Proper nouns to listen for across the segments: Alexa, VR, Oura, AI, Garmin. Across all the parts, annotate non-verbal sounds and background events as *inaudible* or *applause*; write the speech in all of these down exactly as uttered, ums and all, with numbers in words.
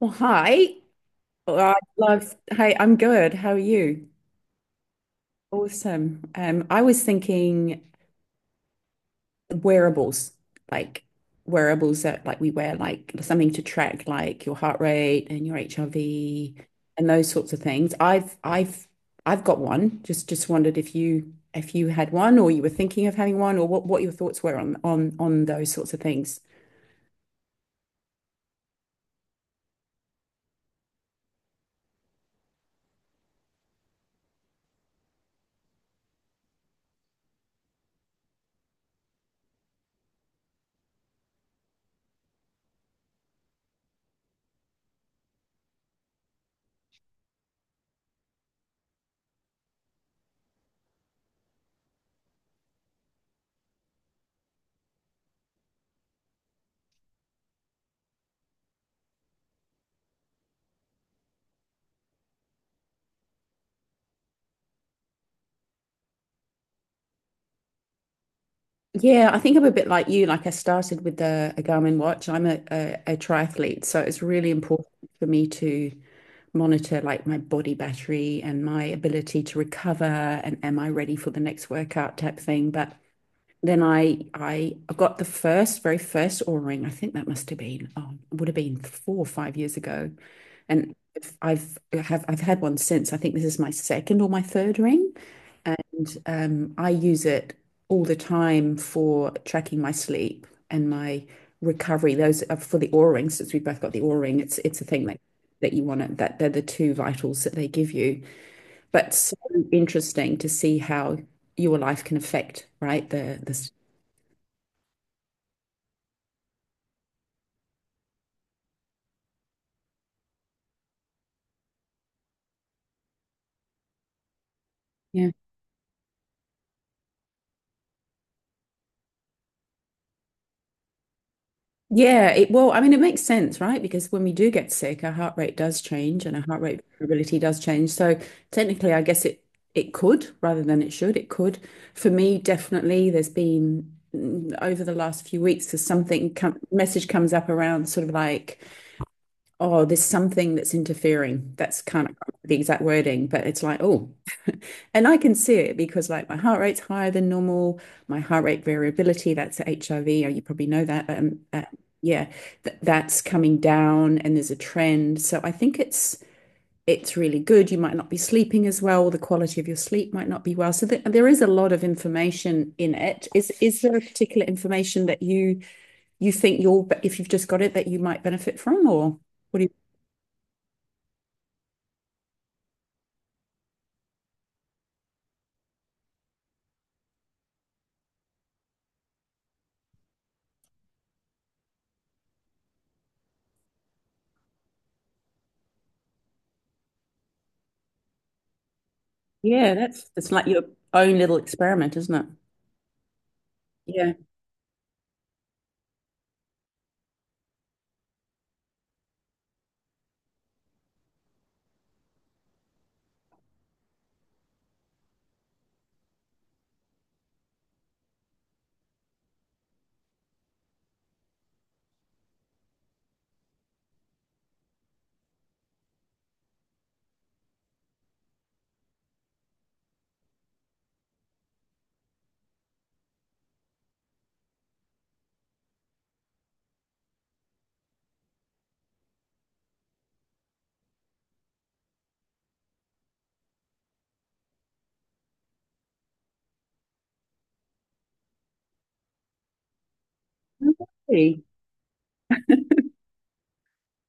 Well, hi. Well, I love. Hey, I'm good. How are you? Awesome. Um, I was thinking wearables, like wearables that like we wear, like something to track, like your heart rate and your H R V and those sorts of things. I've I've I've got one. Just just wondered if you if you had one or you were thinking of having one or what what your thoughts were on on on those sorts of things. Yeah, I think I'm a bit like you. Like I started with a, a Garmin watch. I'm a, a, a triathlete, so it's really important for me to monitor like my body battery and my ability to recover and am I ready for the next workout type thing. But then I I got the first, very first aura O-ring. I think that must have been, oh, it would have been four or five years ago. And I've I have I've had one since. I think this is my second or my third ring. And um, I use it all the time for tracking my sleep and my recovery. Those are for the aura ring, since we've both got the aura ring. It's it's a thing that that you want to that they're the two vitals that they give you. But so interesting to see how your life can affect, right? The the Yeah. Yeah, it well, I mean, it makes sense, right? Because when we do get sick, our heart rate does change and our heart rate variability does change. So technically, I guess it it could, rather than it should. It could. For me, definitely, there's been, mm, over the last few weeks, there's something come, message comes up around sort of like, oh, there's something that's interfering. That's kind of the exact wording, but it's like, oh, *laughs* and I can see it because like my heart rate's higher than normal, my heart rate variability, that's H I V, oh, you probably know that. Um, uh, yeah, th that's coming down and there's a trend. So I think it's it's really good. You might not be sleeping as well, the quality of your sleep might not be well. So th there is a lot of information in it. Is is there a particular information that you you think you'll if you've just got it that you might benefit from, or what do you. Yeah, that's that's like your own little experiment, isn't it? Yeah. No,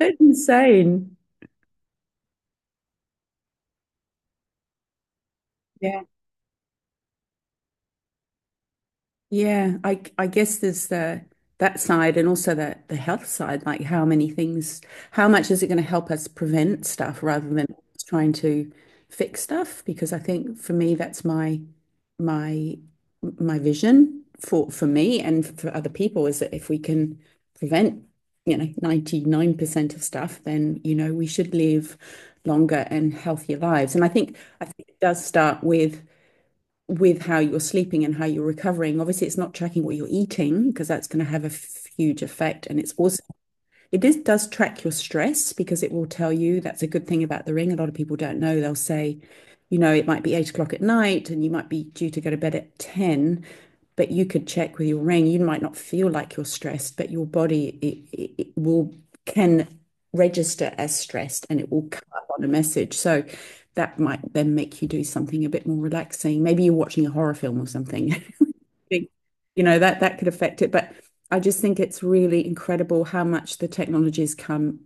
that's insane. Yeah. Yeah. I I guess there's the that side and also the the health side, like how many things, how much is it going to help us prevent stuff rather than trying to fix stuff? Because I think for me that's my my my vision for for me and for other people, is that if we can prevent, you know ninety-nine percent of stuff, then you know we should live longer and healthier lives. And i think i think it does start with with how you're sleeping and how you're recovering. Obviously it's not tracking what you're eating, because that's going to have a huge effect. And it's also, it is, does track your stress, because it will tell you. That's a good thing about the ring. A lot of people don't know. They'll say, you know, it might be eight o'clock at night and you might be due to go to bed at ten, but you could check with your ring. You might not feel like you're stressed, but your body, it, it, it will can register as stressed, and it will come up on a message. So that might then make you do something a bit more relaxing. Maybe you're watching a horror film or something. *laughs* Think, you know, that that could affect it. But I just think it's really incredible how much the technology's come,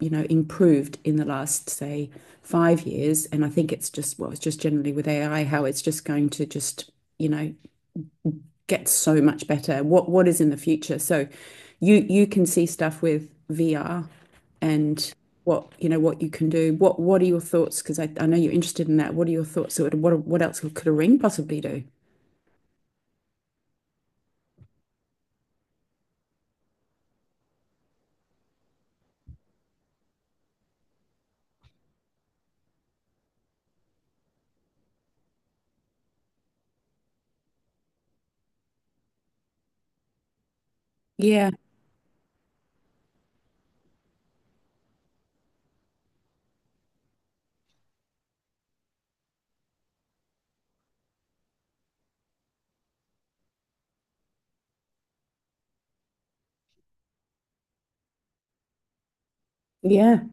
you know, improved in the last, say, five years. And I think it's just, well, it's just generally with A I, how it's just going to just, you know, get so much better. What what is in the future? So you you can see stuff with V R and what you know what you can do. What what are your thoughts? Because I, I know you're interested in that. What are your thoughts? So what what else could a ring possibly do? Yeah. Yeah.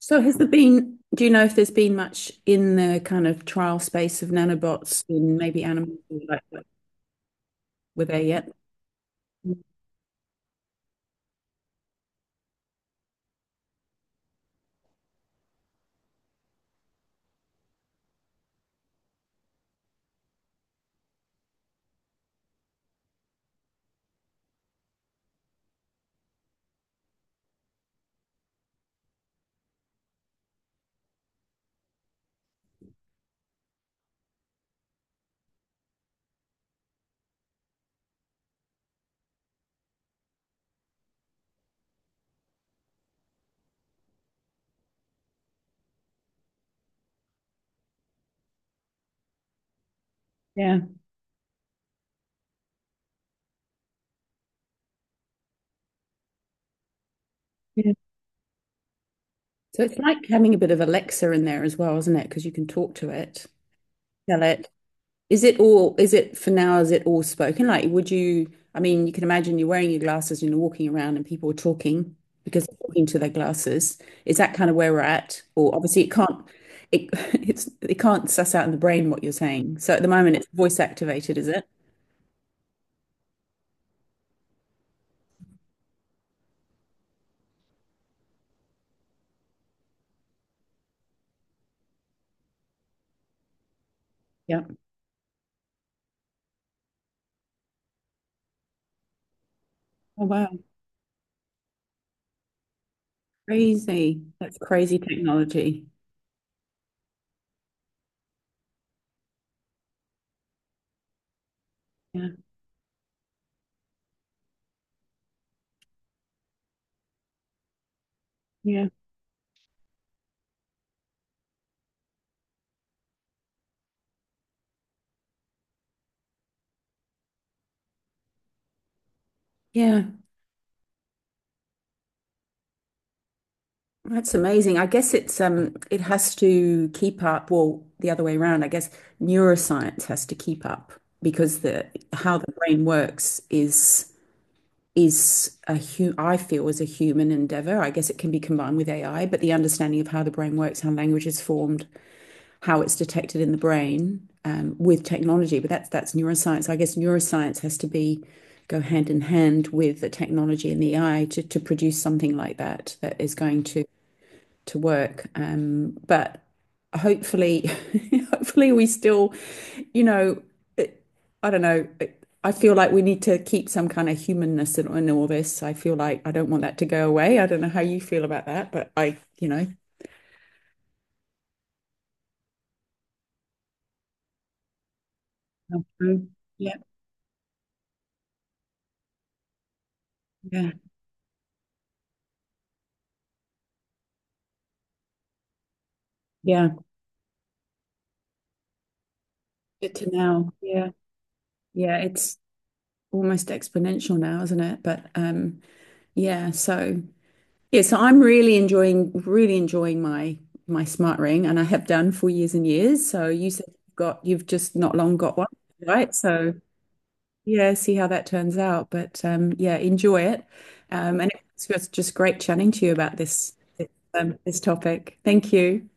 So has there been, do you know if there's been much in the kind of trial space of nanobots in maybe animals, like, were there yet? Yeah. Yeah. So it's like having a bit of Alexa in there as well, isn't it? Because you can talk to it, tell it. Is it all, is it for now, is it all spoken? Like, would you, I mean, you can imagine you're wearing your glasses and you're walking around and people are talking because they're talking to their glasses. Is that kind of where we're at? Or obviously it can't, it, *laughs* it's, it can't suss out in the brain what you're saying. So at the moment it's voice activated, is it? Yeah. Oh, wow. Crazy. That's crazy technology. Yeah. Yeah. Yeah. That's amazing. I guess it's um it has to keep up, well, the other way around. I guess neuroscience has to keep up, because the how the brain works is is, a hu I feel, is a human endeavor. I guess it can be combined with A I, but the understanding of how the brain works, how language is formed, how it's detected in the brain, um, with technology. But that's that's neuroscience. I guess neuroscience has to be go hand in hand with the technology and the A I to to produce something like that that is going to to work. Um, but hopefully, *laughs* hopefully we still, you know, it, I don't know. It, I feel like we need to keep some kind of humanness in, in all this. I feel like I don't want that to go away. I don't know how you feel about that, but I, you know, Mm. Yeah, yeah, yeah. Good to know. Yeah, yeah. It's almost exponential now, isn't it? But um, yeah. So, yeah, so I'm really enjoying really enjoying my my smart ring, and I have done for years and years. So you said you've got you've just not long got one, right? So yeah, see how that turns out. But um, yeah, enjoy it. Um, and it's just just great chatting to you about this this, um, this topic. Thank you.